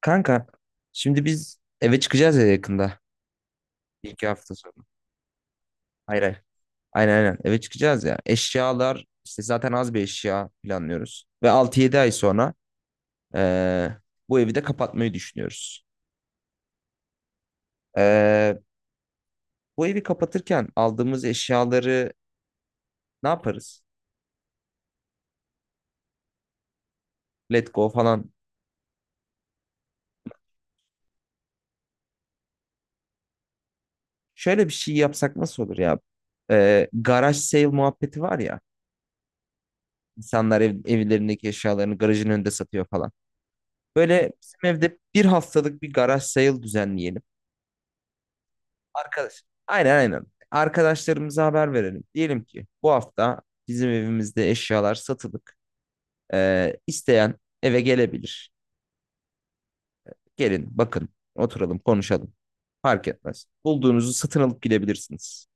Kanka şimdi biz eve çıkacağız ya yakında. Bir iki hafta sonra. Hayır hayır. Aynen aynen eve çıkacağız ya. Eşyalar işte zaten az bir eşya planlıyoruz. Ve altı yedi ay sonra eee, bu evi de kapatmayı düşünüyoruz. Eee, bu evi kapatırken aldığımız eşyaları ne yaparız? Let go falan. Şöyle bir şey yapsak nasıl olur ya? Garaj sale muhabbeti var ya. İnsanlar evlerindeki eşyalarını garajın önünde satıyor falan. Böyle bizim evde bir haftalık bir garaj sale düzenleyelim. Arkadaş. Aynen aynen. Arkadaşlarımıza haber verelim. Diyelim ki bu hafta bizim evimizde eşyalar satılık. İsteyen eve gelebilir. Gelin bakın oturalım konuşalım. Fark etmez. Bulduğunuzu satın alıp gidebilirsiniz.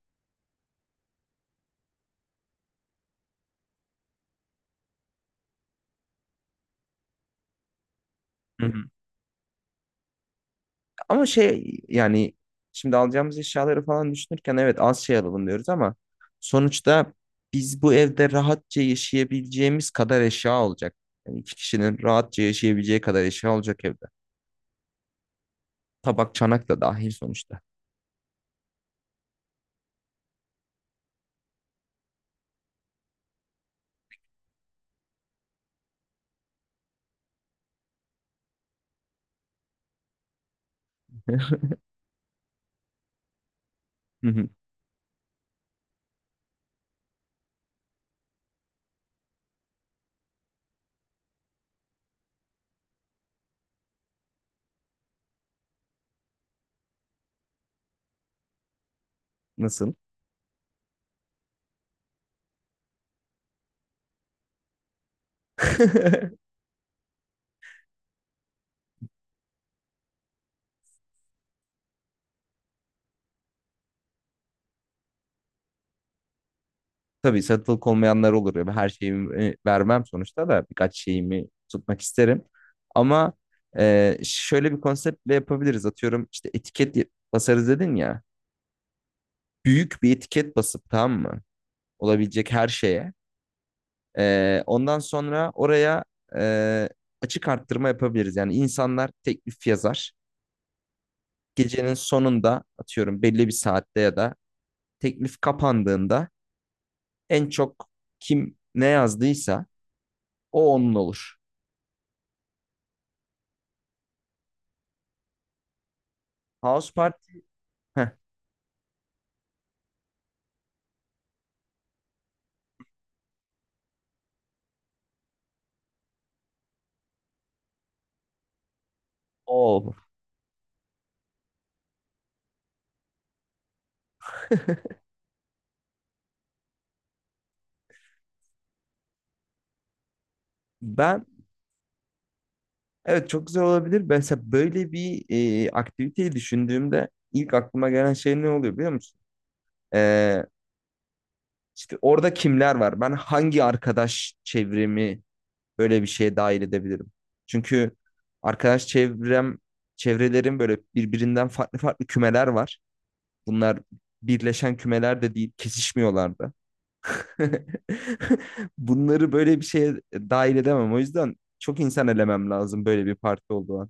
Hı hı. Ama şey yani şimdi alacağımız eşyaları falan düşünürken evet az şey alalım diyoruz ama sonuçta biz bu evde rahatça yaşayabileceğimiz kadar eşya olacak. Yani iki kişinin rahatça yaşayabileceği kadar eşya olacak evde. Tabak çanak da dahil sonuçta. Hı hı. Nasıl? Tabii satılık olmayanlar olur ya. Her şeyimi vermem sonuçta da birkaç şeyimi tutmak isterim. Ama şöyle bir konseptle yapabiliriz. Atıyorum işte etiket basarız dedin ya. Büyük bir etiket basıp tamam mı? Olabilecek her şeye. Ondan sonra oraya e, açık arttırma yapabiliriz. Yani insanlar teklif yazar. Gecenin sonunda atıyorum belli bir saatte ya da teklif kapandığında en çok kim ne yazdıysa o onun olur. House Party heh, o olur. Ben evet çok güzel olabilir. Mesela böyle bir aktiviteyi düşündüğümde ilk aklıma gelen şey ne oluyor biliyor musun? Ee, işte orada kimler var? Ben hangi arkadaş çevremi böyle bir şeye dahil edebilirim? Çünkü arkadaş çevrelerin böyle birbirinden farklı farklı kümeler var. Bunlar birleşen kümeler de değil, kesişmiyorlar da. Bunları böyle bir şeye dahil edemem. O yüzden çok insan elemem lazım böyle bir parti olduğu an.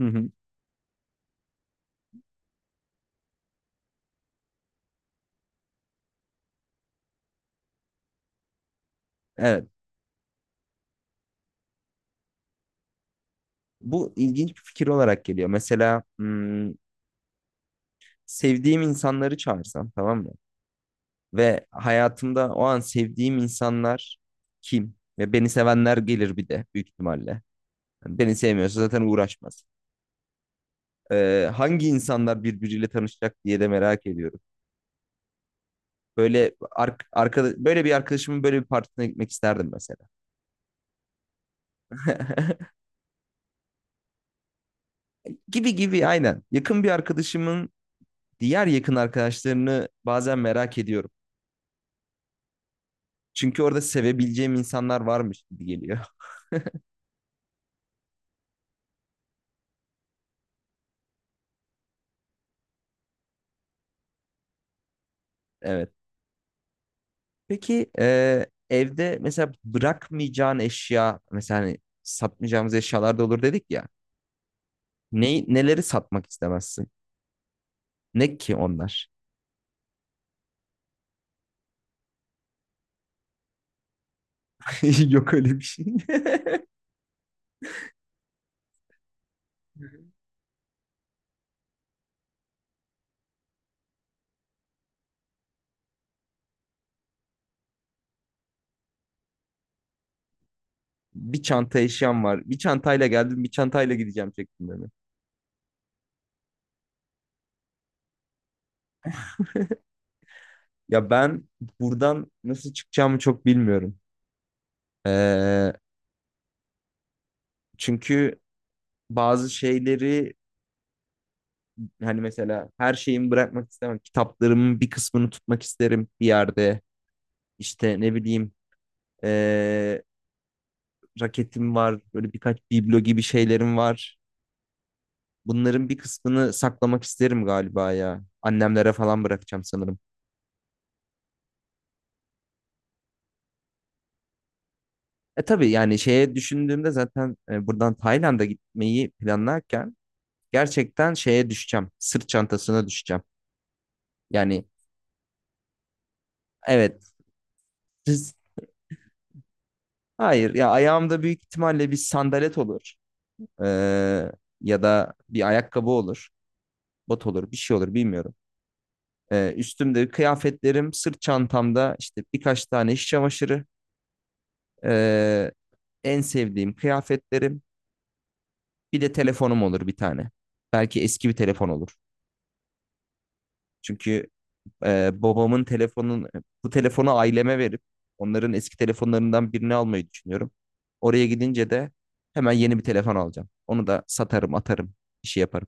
Hı hı. Evet. Bu ilginç bir fikir olarak geliyor. Mesela sevdiğim insanları çağırsam tamam mı? Ve hayatımda o an sevdiğim insanlar kim? Ve beni sevenler gelir bir de büyük ihtimalle. Yani beni sevmiyorsa zaten uğraşmaz. Hangi insanlar birbiriyle tanışacak diye de merak ediyorum. Böyle böyle bir arkadaşımın böyle bir partisine gitmek isterdim mesela. Gibi gibi aynen. Yakın bir arkadaşımın diğer yakın arkadaşlarını bazen merak ediyorum. Çünkü orada sevebileceğim insanlar varmış gibi geliyor. Evet. Peki evde mesela bırakmayacağın eşya mesela hani satmayacağımız eşyalar da olur dedik ya. Neleri satmak istemezsin? Ne ki onlar? Yok öyle bir şey. Bir çanta eşyam var. Bir çantayla geldim, bir çantayla gideceğim şeklinde mi? Ya ben buradan nasıl çıkacağımı çok bilmiyorum. Ee, çünkü bazı şeyleri hani mesela her şeyimi bırakmak istemem. Kitaplarımın bir kısmını tutmak isterim bir yerde. İşte ne bileyim eee, raketim var. Böyle birkaç biblo gibi şeylerim var. Bunların bir kısmını saklamak isterim galiba ya. Annemlere falan bırakacağım sanırım. E tabii yani şeye düşündüğümde zaten buradan Tayland'a gitmeyi planlarken gerçekten şeye düşeceğim. Sırt çantasına düşeceğim. Yani evet. siz- Hayır ya ayağımda büyük ihtimalle bir sandalet olur. Ee, ya da bir ayakkabı olur, bot olur, bir şey olur bilmiyorum. Üstümde kıyafetlerim, sırt çantamda işte birkaç tane iş çamaşırı, ee, en sevdiğim kıyafetlerim, bir de telefonum olur bir tane. Belki eski bir telefon olur. Çünkü babamın telefonun bu telefonu aileme verip onların eski telefonlarından birini almayı düşünüyorum. Oraya gidince de hemen yeni bir telefon alacağım. Onu da satarım, atarım, bir şey yaparım.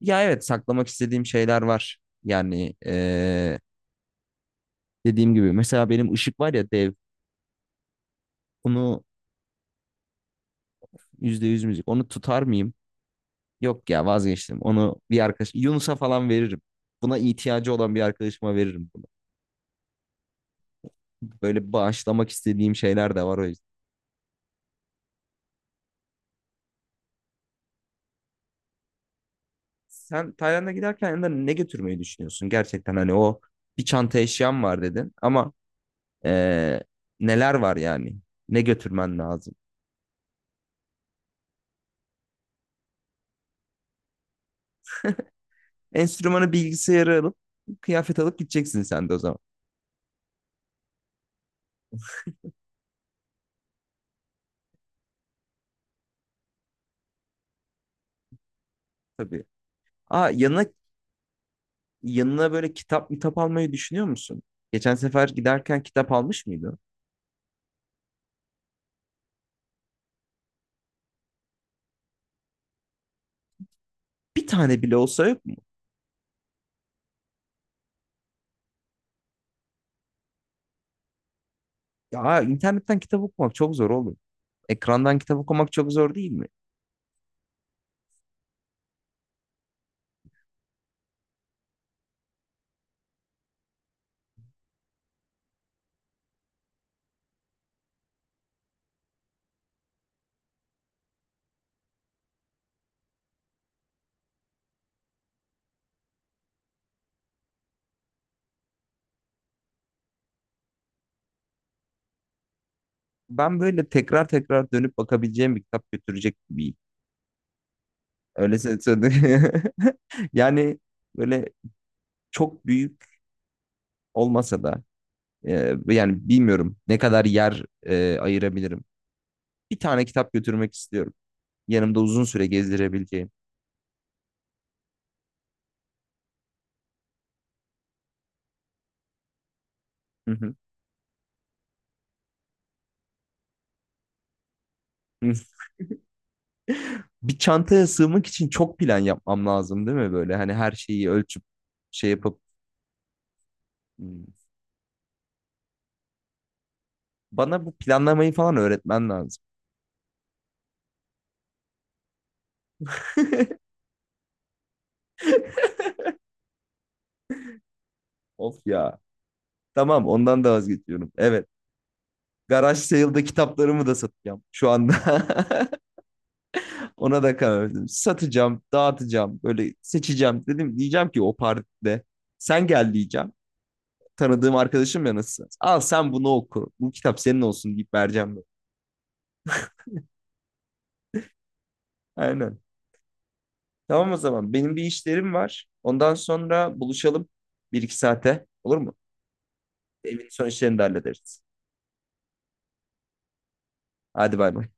Ya evet saklamak istediğim şeyler var. Yani dediğim gibi mesela benim ışık var ya dev. Onu %100 müzik. Onu tutar mıyım? Yok ya vazgeçtim. Onu bir arkadaş Yunus'a falan veririm. Buna ihtiyacı olan bir arkadaşıma veririm bunu. Böyle bağışlamak istediğim şeyler de var o yüzden. Sen Tayland'a giderken yanında ne götürmeyi düşünüyorsun? Gerçekten hani o bir çanta eşyam var dedin ama eee, neler var yani? Ne götürmen lazım? Enstrümanı bilgisayarı alıp kıyafet alıp gideceksin sen de o zaman. Tabii. Aa yanına böyle kitap kitap almayı düşünüyor musun? Geçen sefer giderken kitap almış mıydı? Bir tane bile olsa yok mu? Ya internetten kitap okumak çok zor oğlum. Ekrandan kitap okumak çok zor değil mi? Ben böyle tekrar tekrar dönüp bakabileceğim bir kitap götürecek bir. Öyle sö- Yani böyle çok büyük olmasa da yani bilmiyorum ne kadar yer ayırabilirim. Bir tane kitap götürmek istiyorum. Yanımda uzun süre gezdirebileceğim. Hı hı. Bir çantaya sığmak için çok plan yapmam lazım değil mi böyle? Hani her şeyi ölçüp şey yapıp Hmm. Bana bu planlamayı falan öğretmen lazım. Of ya. Tamam ondan da vazgeçiyorum. Evet. Garaj sale'da kitaplarımı da satacağım şu anda. Ona da karar verdim. Satacağım, dağıtacağım, böyle seçeceğim. Diyeceğim ki o partide sen gel diyeceğim. Tanıdığım arkadaşım ya nasıl? Al sen bunu oku. Bu kitap senin olsun deyip vereceğim. Böyle. Aynen. Tamam o zaman. Benim bir işlerim var. Ondan sonra buluşalım bir iki saate. Olur mu? Evin son işlerini de hallederiz. Hadi bay bay.